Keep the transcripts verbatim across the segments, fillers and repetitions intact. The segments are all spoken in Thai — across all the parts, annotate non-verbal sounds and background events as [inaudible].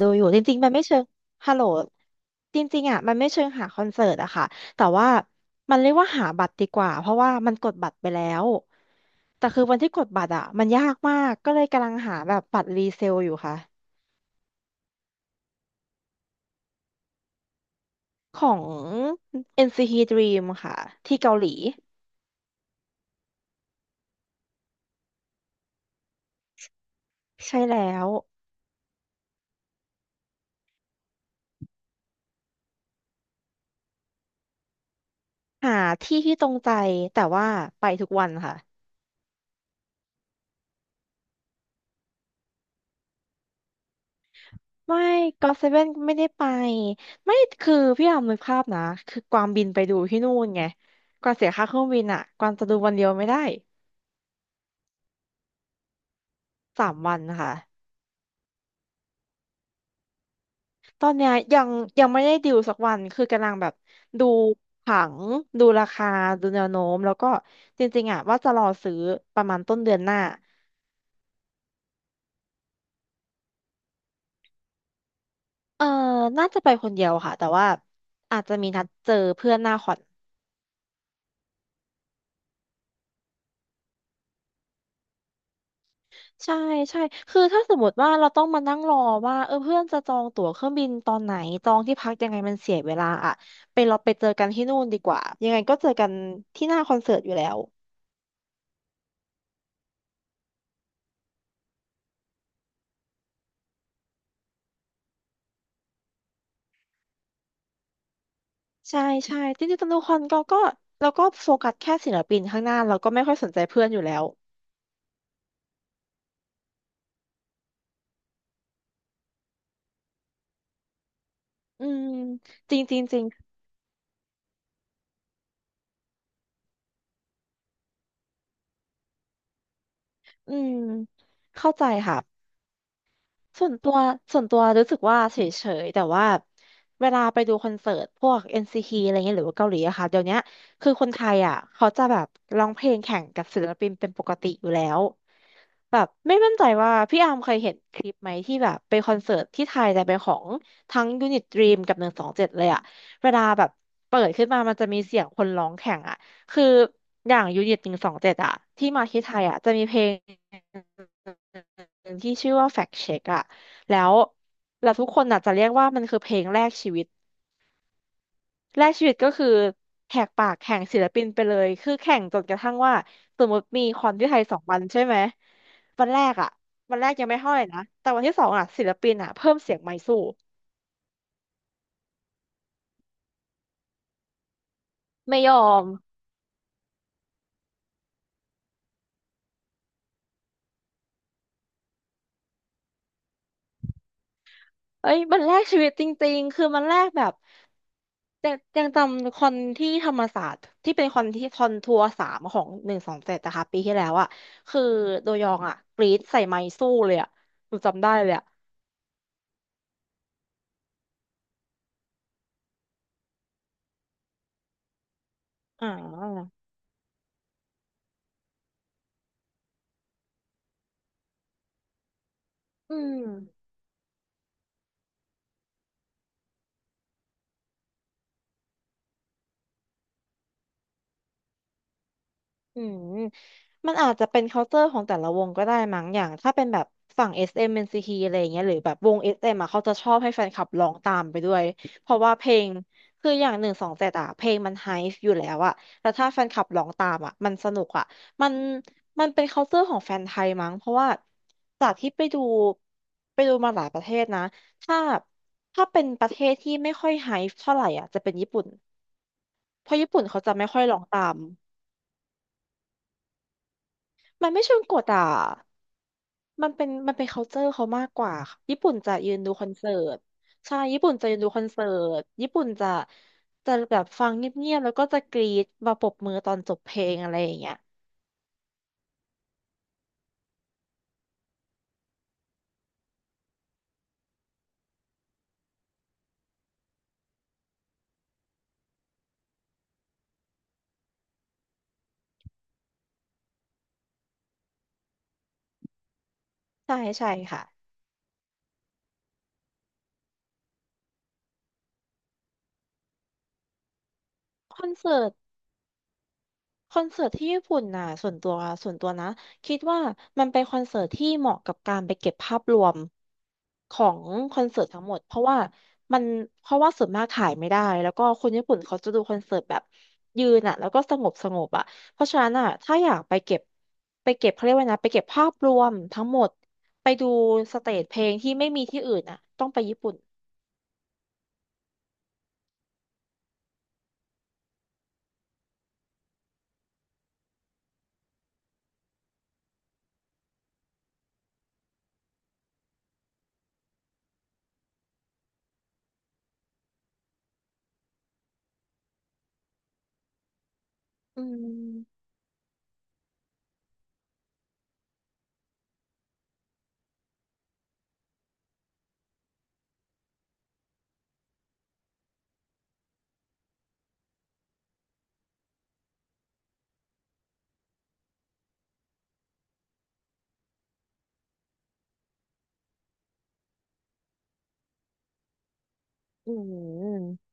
ดูอยู่จริงๆมันไม่เชิงฮัลโหลจริงๆอ่ะมันไม่เชิงหาคอนเสิร์ตอะค่ะแต่ว่ามันเรียกว่าหาบัตรดีกว่าเพราะว่ามันกดบัตรไปแล้วแต่คือวันที่กดบัตรอะมันยากมากก็เลยกำลังหาแบบบัตรรีเซลอยู่ค่ะของ เอ็น ซี ที Dream ค่ะที่เกาหลีใช่แล้วหาที่ที่ตรงใจแต่ว่าไปทุกวันค่ะ ไม่ก็เซเว่นไม่ได้ไปไม่คือพี่อามนึกภาพนะคือกวางบินไปดูที่นู่นไงกวางเสียค่าเครื่องบินอ่ะกวางจะดูวันเดียวไม่ได้สามวันค่ะตอนเนี้ยยังยังไม่ได้ดิวสักวันคือกำลังแบบดูผังดูราคาดูแนวโน้มแล้วก็จริงๆอ่ะว่าจะรอซื้อประมาณต้นเดือนหน้าเออน่าจะไปคนเดียวค่ะแต่ว่าอาจจะมีนัดเจอเพื่อนหน้าคอน ใช่ใช่คือถ้าสมมติว่าเราต้องมานั่งรอว่าเออเพื่อนจะจองตั๋วเครื่องบินตอนไหนจองที่พักยังไงมันเสียเวลาอ่ะไปเราไปเจอกันที่นู่นดีกว่ายังไงก็เจอกันที่หน้าคอนเสิร์ตอยู่แล้วใช่ใช่จริงๆตอนดูคอนก็ก็เราก็โฟกัสแค่ศิลปินข้างหน้าเราก็ไม่ค่อยสนใจเพื่อนอยู่แล้วอืมจริงจริงจริงอืมเข้าใจค่ะ ส่วนตัวส่วนตัวรู้สึกว่าเฉยๆแต่ว่าเวลาไปดูคอนเสิร์ตพวก เอ็น ซี ที อนซีทีอะไรเงี้ยหรือว่าเกาหลีอะค่ะเดี๋ยวเนี้ยคือคนไทยอ่ะเขาจะแบบร้องเพลงแข่งกับศิลปินเป็นปกติอยู่แล้วแบบไม่มั่นใจว่าพี่อาร์มเคยเห็นคลิปไหมที่แบบไปคอนเสิร์ตที่ไทยแต่เป็นของทั้งยูนิตดรีมกับหนึ่งสองเจ็ดเลยอ่ะเวลาแบบเปิดขึ้นมามันจะมีเสียงคนร้องแข่งอ่ะคืออย่างยูนิตหนึ่งสองเจ็ดอ่ะที่มาที่ไทยอ่ะจะมีเพลง หนึ่งที่ชื่อว่า Fact Check อะแล้วแล้วทุกคนอาจจะเรียกว่ามันคือเพลงแรกชีวิต แรกชีวิตก็คือแหกปากแข่งศิลปินไปเลย คือแข่งจนกระทั่งว่าสมมติมีคอนที่ไทยสองวันใช่ไหม วันแรกอะวันแรกยังไม่เท่าไหร่นะ แต่วันที่สองอะศิลปินอะเพิ่มเสียงไมค์สู้ไม่ยอม เอ้ยมันแลกชีวิตจริงๆ คือมันแลกแบบ ยังยังจำคอนที่ธรรมศาสตร์ที่เป็นคอนที่คอนทัวร์สามของหนึ่งสองเจ็ดนะคะปีที่แล้วอะคือโดยองอะกรี๊ดใส่ไมค์สู้เลยอะหนูจำได้เลยอะอ๋ออืม อืมมันอาจจะเป็น culture ของแต่ละวงก็ได้มั้งอย่างถ้าเป็นแบบฝั่งเอ เอ็น ซี ที อมเอ็นซีทีอะไรอย่างเงี้ยหรือแบบวง s เอมอ่ะเขาจะชอบให้แฟนคลับร้องตามไปด้วยเพราะว่าเพลงคืออย่างหนึ่งสองเจ็ดอ่ะเพลงมันไฮฟ์อยู่แล้วอ่ะแล้วถ้าแฟนคลับร้องตามอ่ะมันสนุกอ่ะมันมันเป็น culture ของแฟนไทยมั้งเพราะว่าจากที่ไปดูไปดูมาหลายประเทศนะถ้าถ้าเป็นประเทศที่ไม่ค่อยไฮฟ์เท่าไหร่อ่ะจะเป็นญี่ปุ่นเพราะญี่ปุ่นเขาจะไม่ค่อยร้องตามมันไม่เชิงกดอ่ะ มันเป็นมันเป็น culture เขามากกว่าค่ะญี่ปุ่นจะยืนดูคอนเสิร์ตใช่ญี่ปุ่นจะยืนดูคอนเสิร์ตญี่ปุ่นจะจะแบบฟังเงียบๆแล้วก็จะกรี๊ดมาปรบมือตอนจบเพลงอะไรอย่างเงี้ยใช่ใช่ค่ะคอนเสิร์ต คอนเสิร์ตที่ญี่ปุ่นน่ะส่วนตัวส่วนตัวนะคิดว่ามันเป็นคอนเสิร์ตที่เหมาะกับการไปเก็บภาพรวมของคอนเสิร์ตทั้งหมดเพราะว่ามันเพราะว่าส่วนมากขายไม่ได้แล้วก็คนญี่ปุ่นเขาจะดูคอนเสิร์ตแบบยืนอ่ะแล้วก็สงบสงบอ่ะเพราะฉะนั้นอ่ะถ้าอยากไปเก็บไปเก็บเขาเรียกว่าไงนะไปเก็บภาพรวมทั้งหมดไปดูสเตจเพลงที่ไม่มีที่อื่นอ่ะต้องไปญี่ปุ่นอืมอืม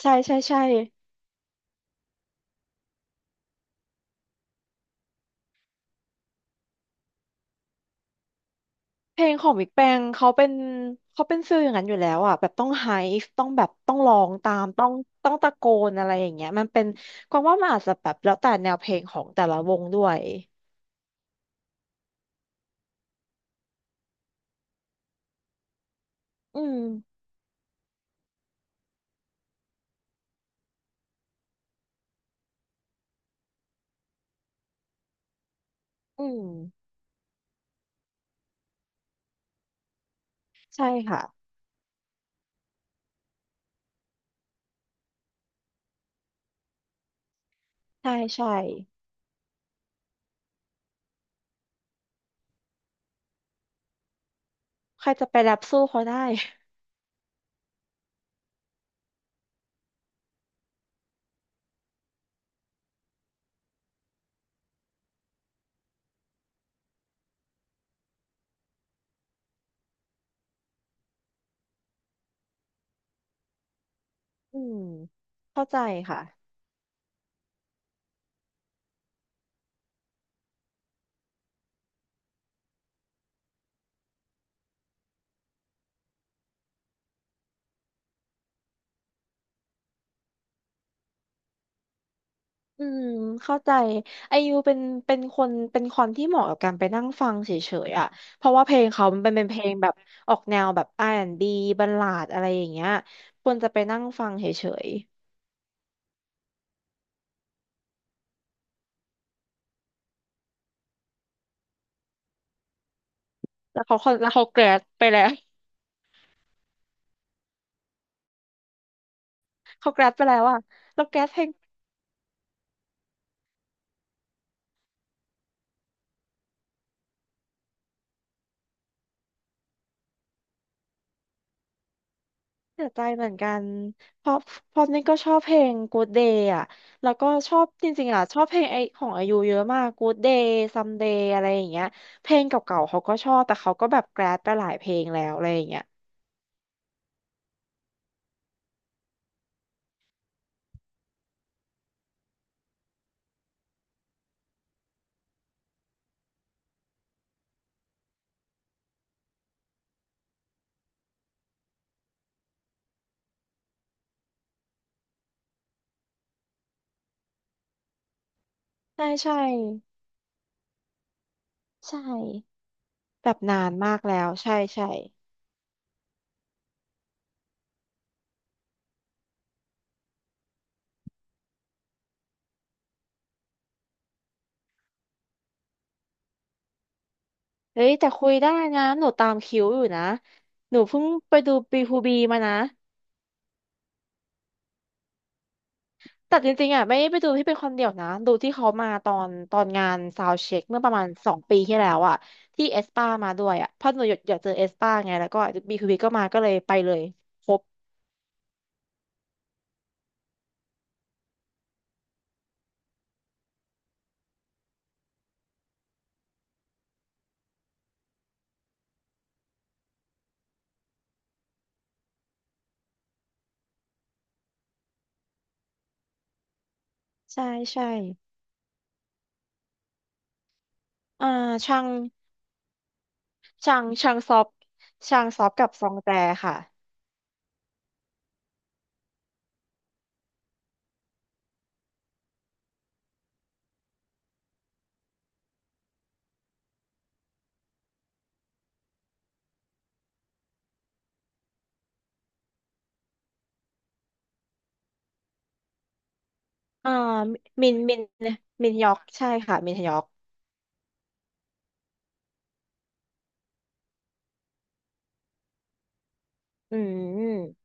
ใช่ใช่ใช่ เพลงของบิ๊กแปงเขาเป็นเขาเป็นฟิลอย่างนั้นอยู่แล้วอ่ะแบบต้องไฮฟ์ต้องแบบต้องร้องตามต้องต้องตะโกนอะไรอย่างเงี้ยมันเป็นกวางว่ามันอาจจะแบบแล้วแต่แนวเพลงของแต่ละวงด้วยอืมอืมใช่ค่ะใช่ใช่ใครจะไปแรปสู้เขาได้ [laughs] อืมเข้าใจค่ะ อืมเข้าใจไอยูเป็นเป็นคนเป็นคนที่เหมาะกับการไปนั่งฟังเฉยๆอ่ะเพราะว่าเพลงเขามันเป็นเป็นเพลงแบบออกแนวแบบ อาร์ แอนด์ บี บบัลลาดอะไรอย่างเงี้ยควรจะไปนั่งฟังเฉยๆแล้วเขาแล้วเขาแกรดไปแล้ว [laughs] เขาแกรดไปแล้วอ่ะแล้วแกรดเพลงเสียใจเหมือนกันเพราะเพราะนี่ก็ชอบเพลง Good Day อ่ะแล้วก็ชอบจริงๆอ่ะชอบเพลงไอของอายุเยอะมาก Good Day Someday อะไรอย่างเงี้ยเพลงเก่าๆเขาก็ชอบแต่เขาก็แบบแกรดไปหลายเพลงแล้วอะไรอย่างเงี้ย ใช่ใช่ใช่แบบนานมากแล้วใช่ใช่เฮ้ยแต่คุยได้นะหนูตามคิวอยู่นะหนูเพิ่งไปดูบีฮูบีมานะแต่จริงๆอ่ะไม่ได้ไปดูที่เป็นคนเดียวนะดูที่เขามาตอนตอนงานซาวเช็คเมื่อประมาณสองปีที่แล้วอ่ะที่เอสปามาด้วยอ่ะเพราะหนูอยากอยากเจอเอสปาไงแล้วก็บีฮูบีก็มาก็เลยไปเลยครบใช่ใช่อ่าช่างช่างช่างซอฟช่างซอฟกับซองแจค่ะ อ่ามินมินมินยอกใช่ค่ะมินยอกอืม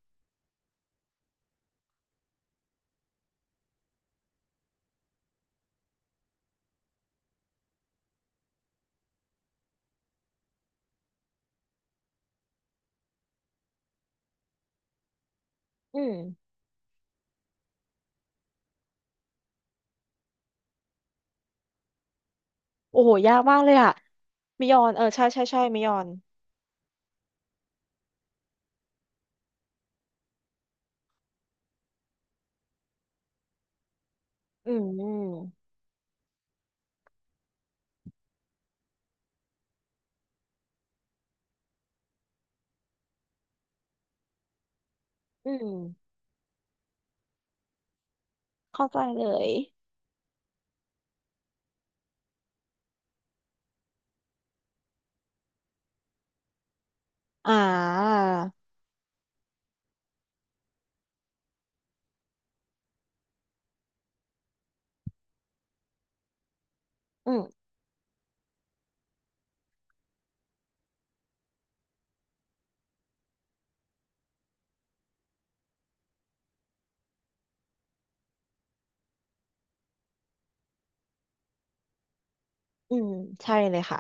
อืมโอ้โหยากมากเลยอ่ะมิยอนเออใช่ใช่ใช่มิยอนอืมอืมเข้าใจเลยอ่าอืมอืมใช่เลยค่ะ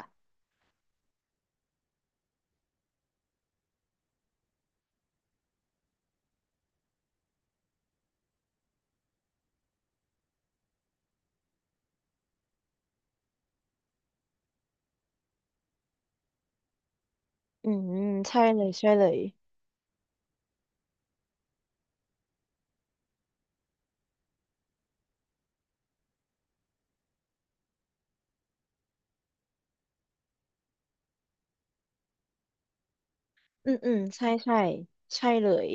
อืมใช่เลยใช่เลยอืมอืมใช่ใช่ใช่เลย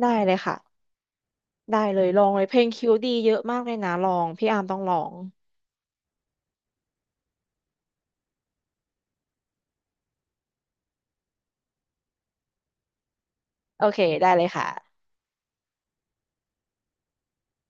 ได้เลยค่ะได้เลยลองเลยเพลงคิวดีเยอะมากเลยนะลองพี่อาร์มต้องลองโอเคได้เลยค่ะ